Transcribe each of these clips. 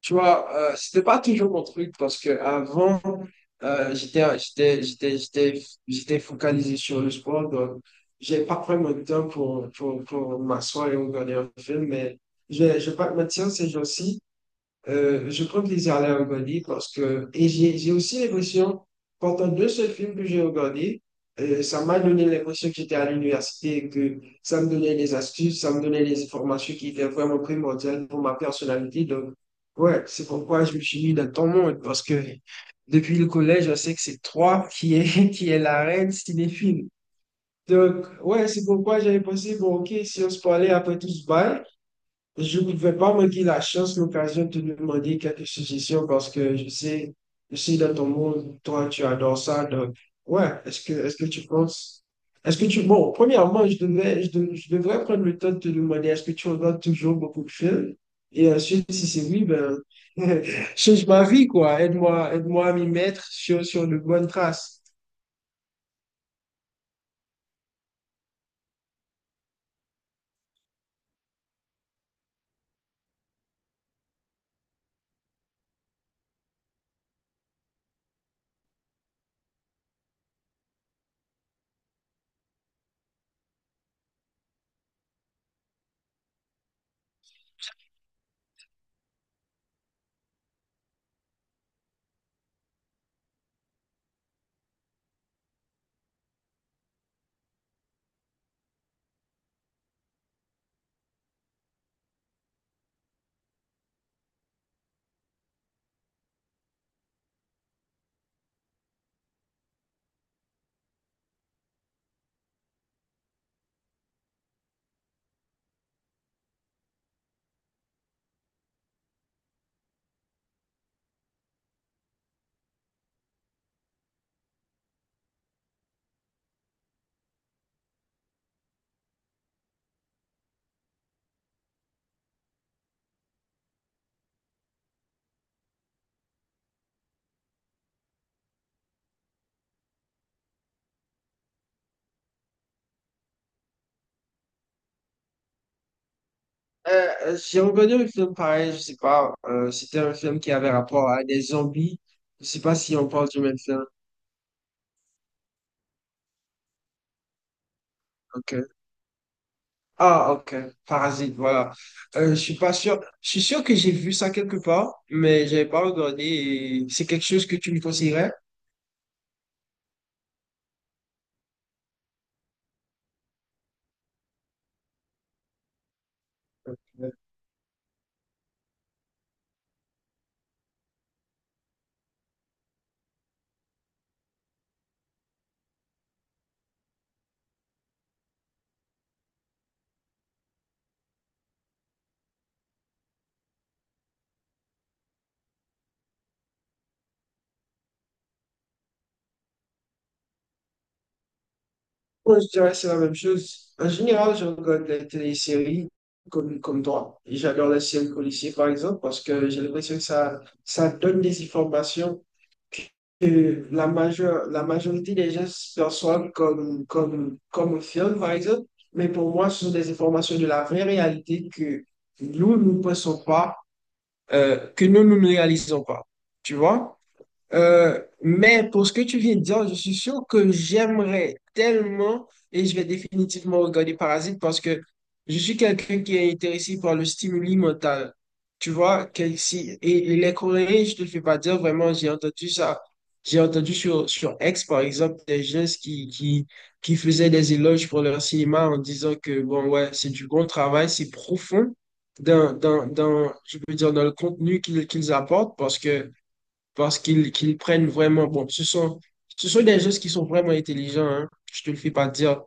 Tu vois, c'était pas toujours mon truc parce que avant, euh, j'étais, j'étais, j'étais, j'étais, j'étais focalisé sur le sport. Donc, j'ai pas pris mon temps pour m'asseoir et regarder un film. Mais je vais pas te mentir, ces jours-ci, je prends plaisir à les regarder parce que, et j'ai aussi l'impression, pendant deux seuls films que j'ai regardés, ça m'a donné l'impression que j'étais à l'université et que ça me donnait des astuces, ça me donnait des informations qui étaient vraiment primordiales pour ma personnalité. Donc, ouais, c'est pourquoi je me suis mis dans ton monde parce que depuis le collège, je sais que c'est toi qui est, qui est la reine cinéphile. Donc, ouais, c'est pourquoi j'avais pensé, bon, ok, si on se parlait après tout ce bail, je ne vais pas manquer la chance, l'occasion de te demander quelques suggestions parce que je sais dans ton monde, toi, tu adores ça. Donc, ouais, est-ce que tu penses, est-ce que tu, bon, premièrement, je devrais prendre le temps de te demander, est-ce que tu regardes toujours beaucoup de films? Et ensuite, si c'est oui, ben, change ma vie, quoi. Aide-moi à m'y mettre sur de bonnes traces. Euh, j'ai regardé un film pareil, je sais pas, c'était un film qui avait rapport à des zombies. Je sais pas si on parle du même film. Ok. Ah, ok. Parasite, voilà. Je suis pas sûr. Je suis sûr que j'ai vu ça quelque part, mais j'avais pas regardé. Et c'est quelque chose que tu me conseillerais? Ouais. Moi, je dirais que c'est la même chose. En général, je regarde des téléséries comme toi. Et j'adore les séries policières, par exemple, parce que j'ai l'impression que ça donne des informations que la majorité des gens perçoivent comme un film, par exemple. Mais pour moi, ce sont des informations de la vraie réalité que nous, nous ne pensons pas, que nous, nous ne réalisons pas. Tu vois? Mais pour ce que tu viens de dire, je suis sûr que j'aimerais tellement et je vais définitivement regarder Parasite parce que je suis quelqu'un qui est intéressé par le stimuli mental. Tu vois, que si, et les Coréens, je te le fais pas dire vraiment, j'ai entendu ça. J'ai entendu sur X, par exemple, des gens qui faisaient des éloges pour leur cinéma en disant que, bon, ouais, c'est du bon travail, c'est profond dans, je peux dire, dans le contenu qu'ils apportent parce que parce qu'ils qu'ils prennent vraiment, bon, ce sont des gens qui sont vraiment intelligents, hein, je te le fais pas dire.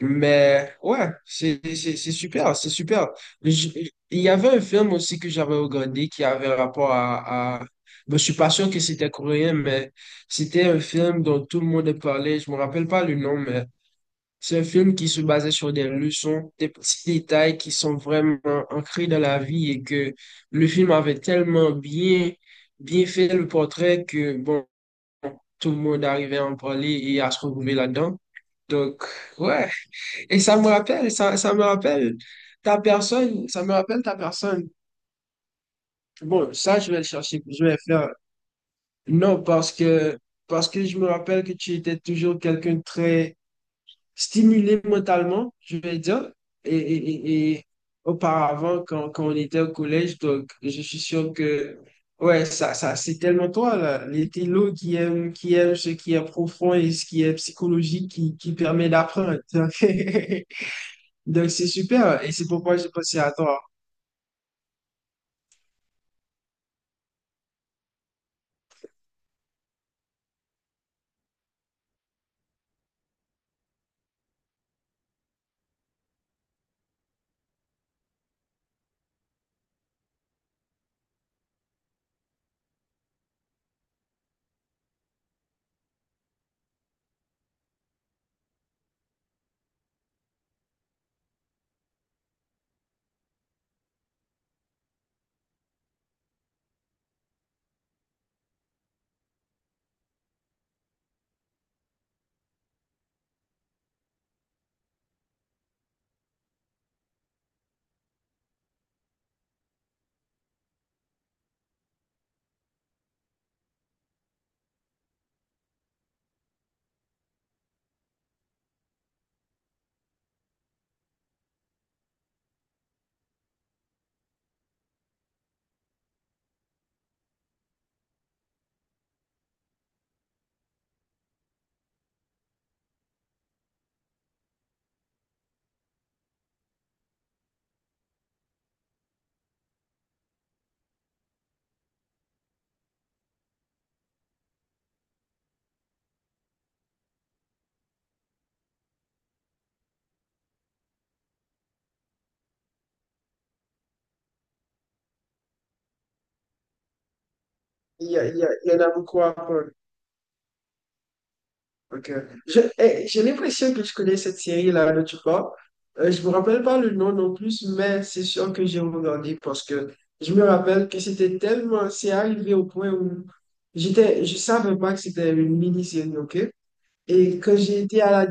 Mais ouais, c'est super, c'est super. Je- il y avait un film aussi que j'avais regardé qui avait rapport à... Ben, je suis pas sûr que c'était coréen, mais c'était un film dont tout le monde parlait. Je me rappelle pas le nom, mais c'est un film qui se basait sur des leçons, des petits détails qui sont vraiment ancrés dans la vie et que le film avait bien fait le portrait que bon, tout le monde arrivait à en parler et à se retrouver là-dedans. Donc, ouais. Et ça me rappelle ça me rappelle ta personne. Bon, ça, je vais le chercher, je vais le faire. Non, parce que je me rappelle que tu étais toujours quelqu'un de très stimulé mentalement, je vais dire. Et, auparavant, quand on était au collège, donc je suis sûr que, ouais, c'est tellement toi, là. Les télos qui aiment ce qui est profond et ce qui est psychologique qui permet d'apprendre. Donc, c'est super. Et c'est pourquoi j'ai pensé à toi. Il y en a beaucoup à apprendre. Ok. J'ai l'impression que je connais cette série-là dont tu parles. Je me rappelle pas le nom non plus, mais c'est sûr que j'ai regardé parce que je me rappelle que c'était tellement, c'est arrivé au point où je savais pas que c'était une mini-série, ok? Et que j'ai été à la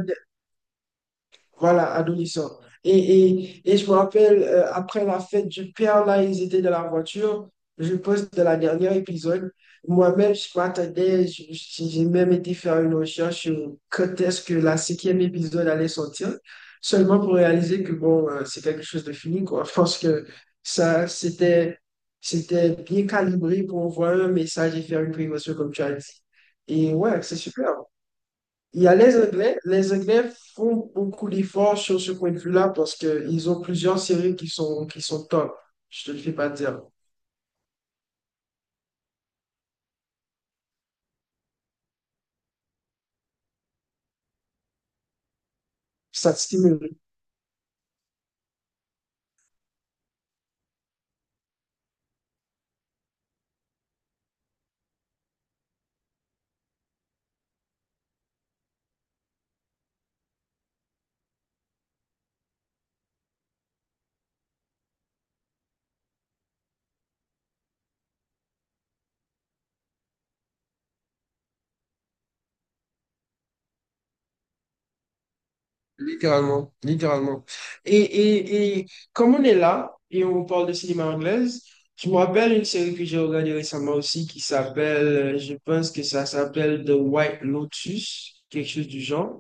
voilà, adolescent. Et, et je me rappelle, après la fête du père, là, ils étaient dans la voiture. Je poste de la dernière épisode. Moi-même, je m'attendais, je- j'ai même été faire une recherche sur quand est-ce que la cinquième épisode allait sortir, seulement pour réaliser que, bon, c'est quelque chose de fini, quoi. Je pense que ça, c'était bien calibré pour envoyer un message et faire une prévention, comme tu as dit. Et ouais, c'est super. Il y a les Anglais. Les Anglais font beaucoup d'efforts sur ce point de vue-là parce qu'ils ont plusieurs séries qui sont top. Je te le fais pas dire. Ça te stimule, littéralement, littéralement. Et, et comme on est là et on parle de cinéma anglaise, je me rappelle une série que j'ai regardée récemment aussi qui s'appelle, je pense que ça s'appelle The White Lotus, quelque chose du genre.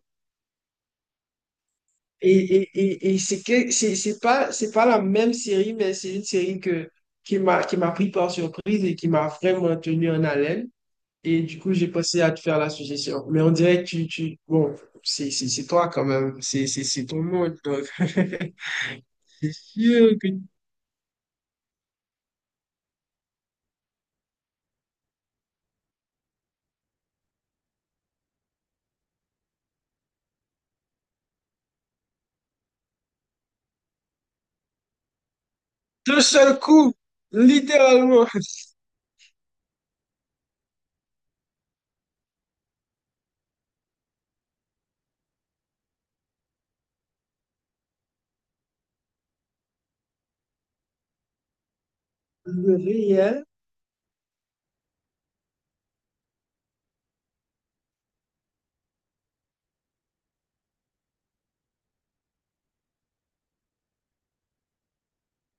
Et, et, et c'est que c'est pas la même série, mais c'est une série qui m'a pris par surprise et qui m'a vraiment tenu en haleine. Et du coup, j'ai pensé à te faire la suggestion. Mais on dirait que tu, bon, c'est toi quand même. C'est ton monde. Donc, c'est sûr que d'un seul coup, littéralement, le réel.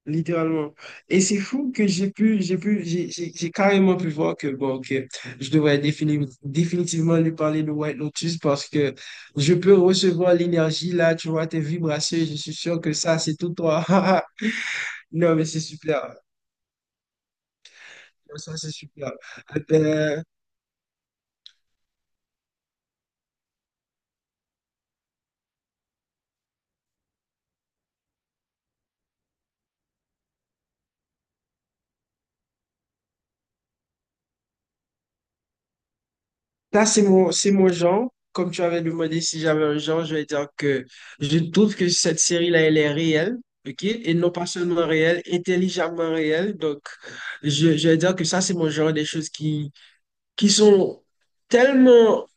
Littéralement. Et c'est fou que j'ai pu, j'ai carrément pu voir que, bon, que définitivement lui parler de White Lotus parce que je peux recevoir l'énergie là, tu vois, tes vibrations, et je suis sûr que ça, c'est tout toi. Non, mais c'est super. Ça, c'est super. Euh, Ça, c'est mon genre. Comme tu avais demandé si j'avais un genre, je vais dire que je trouve que cette série-là, elle est réelle, ok? Et non pas seulement réelle, intelligemment réelle. Donc, je vais dire que ça, c'est mon genre des choses qui sont tellement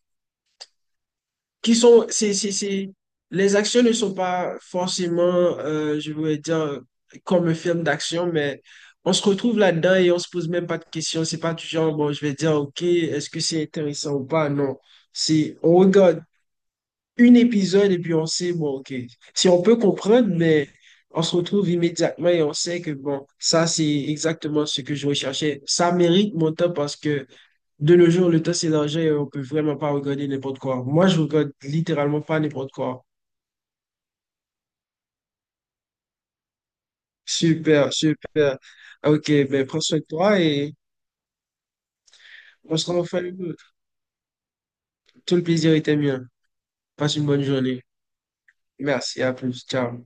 qui sont, c'est, les actions ne sont pas forcément, je voudrais dire, comme un film d'action, mais on se retrouve là-dedans et on se pose même pas de questions. C'est pas du genre, bon, je vais dire, OK, est-ce que c'est intéressant ou pas? Non. C'est, on regarde une épisode et puis on sait, bon, OK. Si on peut comprendre, mais on se retrouve immédiatement et on sait que, bon, ça, c'est exactement ce que je recherchais. Ça mérite mon temps parce que de nos jours, le temps, c'est l'argent et on peut vraiment pas regarder n'importe quoi. Moi, je regarde littéralement pas n'importe quoi. Super, super. Ah, ok, ben prends soin de toi et on se renvoie. Tout le plaisir était mien. Passe une bonne journée. Merci, à plus. Ciao.